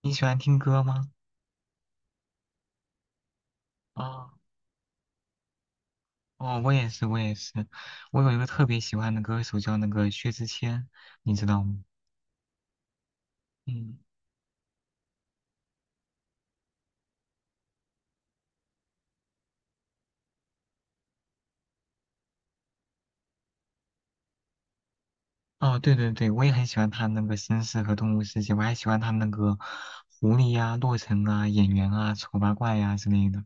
你喜欢听歌吗？哦哦，我也是，我也是。我有一个特别喜欢的歌手叫那个薛之谦，你知道吗？嗯，哦，对对对，我也很喜欢他那个《绅士》和《动物世界》，我还喜欢他那个《狐狸》呀、《洛城》啊、《演员》啊、《丑八怪》呀之类的，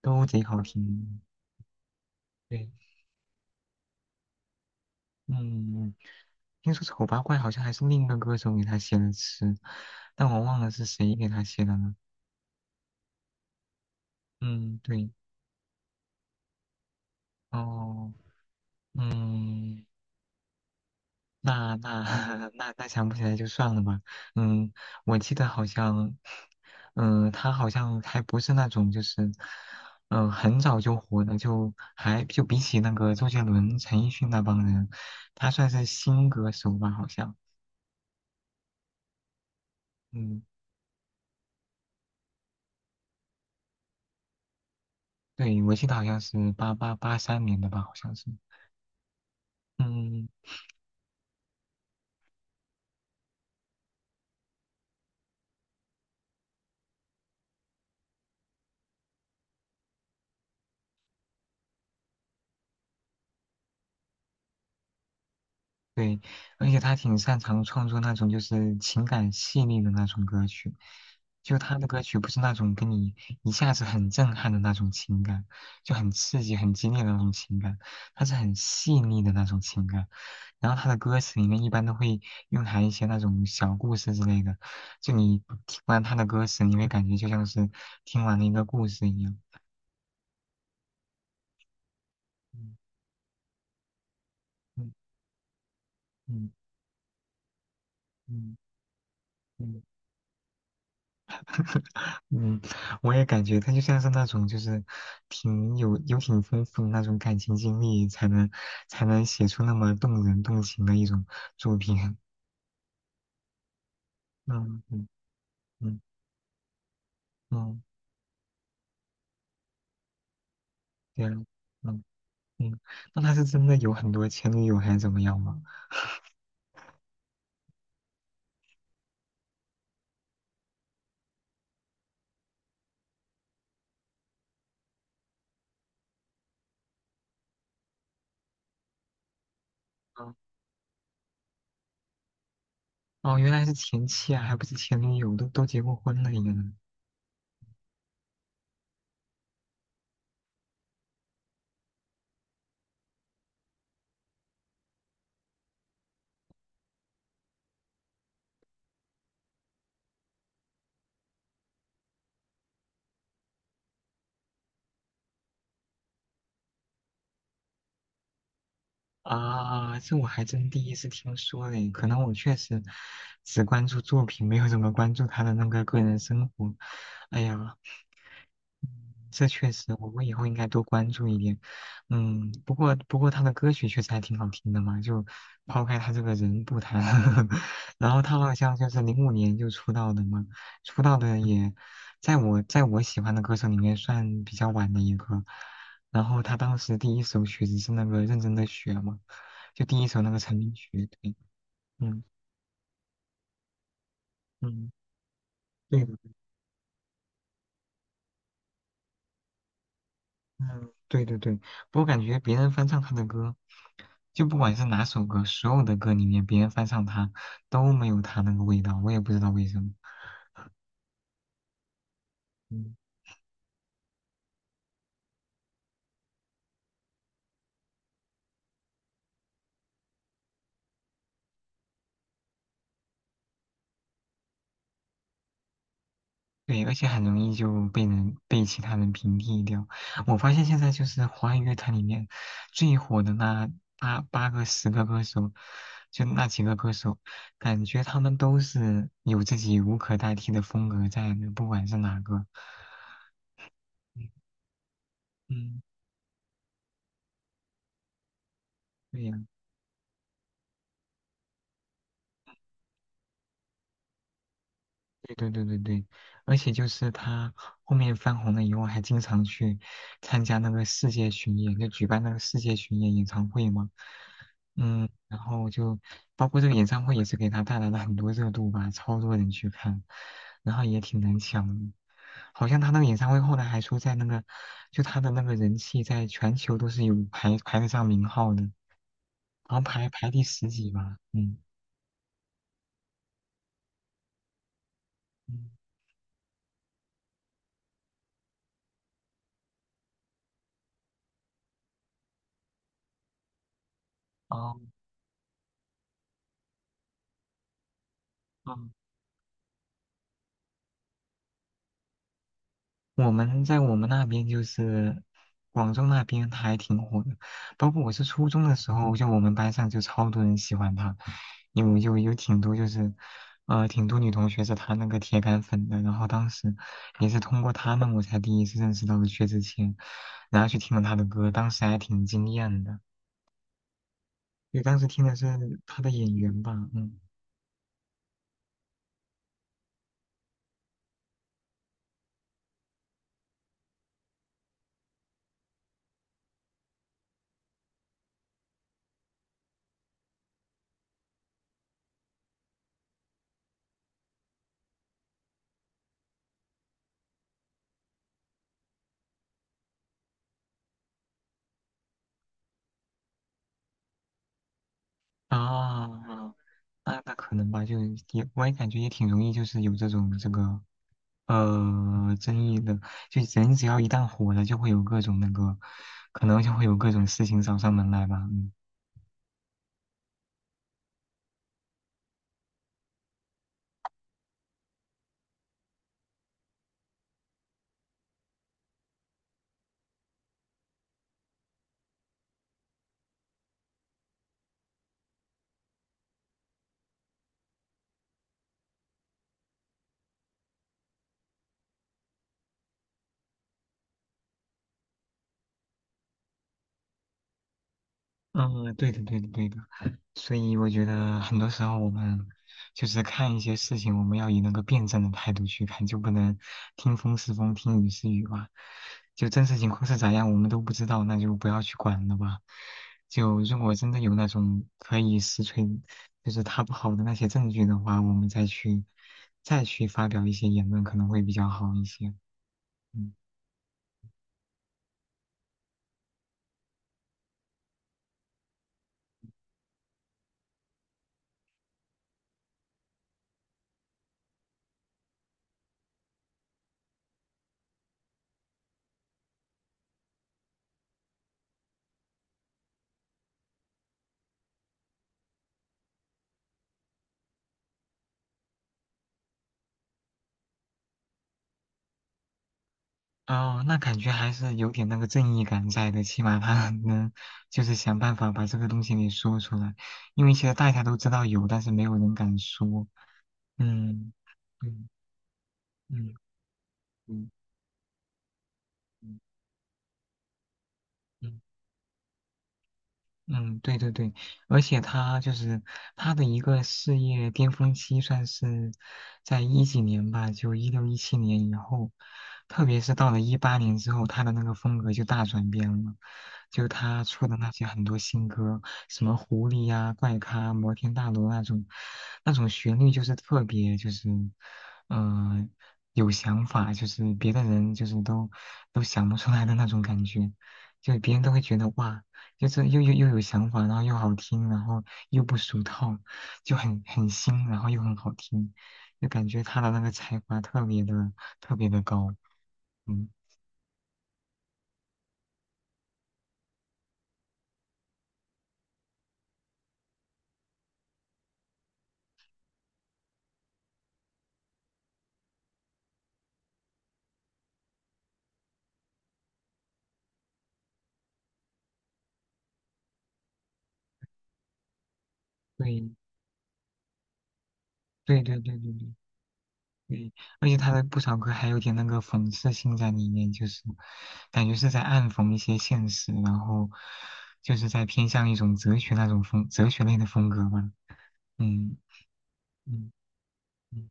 都贼好听。对，嗯，听说《丑八怪》好像还是另一个歌手给他写的词，但我忘了是谁给他写的了。嗯，对，哦，嗯。那 那想不起来就算了吧。嗯，我记得好像，嗯，他好像还不是那种就是，嗯，很早就火的，就还就比起那个周杰伦、陈奕迅那帮人，他算是新歌手吧，好像。嗯，对，我记得好像是83年的吧，好像是。嗯，对，而且他挺擅长创作那种就是情感细腻的那种歌曲，就他的歌曲不是那种跟你一下子很震撼的那种情感，就很刺激、很激烈的那种情感，他是很细腻的那种情感。然后他的歌词里面一般都会蕴含一些那种小故事之类的，就你听完他的歌词，你会感觉就像是听完了一个故事一样。嗯嗯嗯嗯嗯嗯，我也感觉他就像是那种，就是挺有挺丰富的那种感情经历，才能写出那么动人动情的一种作品。嗯嗯嗯嗯，对啊，嗯嗯，那他是真的有很多前女友还是怎么样吗？嗯哦，原来是前妻啊，还不是前女友，都结过婚了也。啊，这我还真第一次听说嘞，可能我确实只关注作品，没有怎么关注他的那个个人生活。哎呀，这确实，我们以后应该多关注一点。嗯，不过他的歌曲确实还挺好听的嘛，就抛开他这个人不谈，然后他好像就是05年就出道的嘛，出道的也在我喜欢的歌手里面算比较晚的一个。然后他当时第一首曲子是那个《认真的雪》嘛，就第一首那个成名曲。对，嗯嗯，对嗯，对对对，我感觉别人翻唱他的歌，就不管是哪首歌，所有的歌里面别人翻唱他都没有他那个味道，我也不知道为什么。嗯，对，而且很容易就被其他人屏蔽掉。我发现现在就是华语乐坛里面最火的那八八个十个歌手，就那几个歌手，感觉他们都是有自己无可代替的风格在的，不管是哪个。嗯。对呀。对对对对对，而且就是他后面翻红了以后，还经常去参加那个世界巡演，就举办那个世界巡演演唱会嘛。嗯，然后就包括这个演唱会也是给他带来了很多热度吧，超多人去看，然后也挺难抢的。好像他那个演唱会后来还说，在那个就他的那个人气在全球都是有排得上名号的，好像排第十几吧。嗯嗯，哦，嗯我们在我们那边就是广州那边，他还挺火的。包括我是初中的时候，就我们班上就超多人喜欢他，有挺多就是，挺多女同学是他那个铁杆粉的。然后当时也是通过他们，我才第一次认识到了薛之谦，然后去听了他的歌，当时还挺惊艳的。因为当时听的是他的演员吧，嗯啊，那可能吧，就也我也感觉也挺容易，就是有这种这个。争议的，就人只要一旦火了，就会有各种那个，可能就会有各种事情找上门来吧。嗯嗯，对的，对的，对的。所以我觉得很多时候我们就是看一些事情，我们要以那个辩证的态度去看，就不能听风是风，听雨是雨吧。就真实情况是咋样，我们都不知道，那就不要去管了吧。就如果真的有那种可以实锤，就是他不好的那些证据的话，我们再去发表一些言论，可能会比较好一些。嗯。哦，那感觉还是有点那个正义感在的，起码他 能就是想办法把这个东西给说出来，因为其实大家都知道有，但是没有人敢说。嗯，嗯嗯嗯嗯嗯。嗯，对对对，而且他就是他的一个事业巅峰期，算是在一几年吧，就16、17年以后，特别是到了18年之后，他的那个风格就大转变了，就他出的那些很多新歌，什么狐狸呀、怪咖、摩天大楼那种，那种旋律就是特别就是，嗯，有想法，就是别的人就是都想不出来的那种感觉，就别人都会觉得哇。就是又有想法，然后又好听，然后又不俗套，就很新，然后又很好听，就感觉他的那个才华特别的高，嗯，对对对对对对对，而且他的不少歌还有点那个讽刺性在里面，就是感觉是在暗讽一些现实，然后就是在偏向一种哲学那种风哲学类的风格吧，嗯嗯嗯。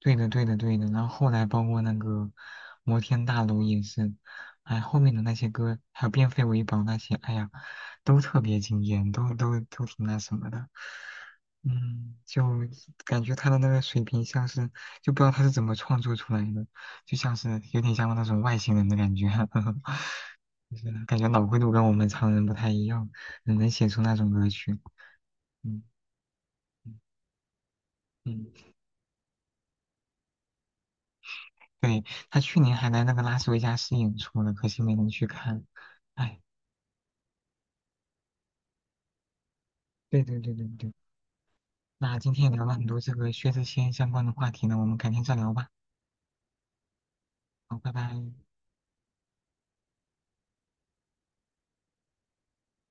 对的，对的，对的。然后后来包括那个摩天大楼也是，哎，后面的那些歌，还有变废为宝那些，哎呀，都特别惊艳，都挺那什么的。嗯，就感觉他的那个水平像是，就不知道他是怎么创作出来的，就像是有点像那种外星人的感觉，就是感觉脑回路跟我们常人不太一样，能写出那种歌曲。嗯嗯嗯。对，他去年还来那个拉斯维加斯演出了，可惜没能去看。哎，对对对对对，那今天也聊了很多这个薛之谦相关的话题呢，我们改天再聊吧。好，拜拜。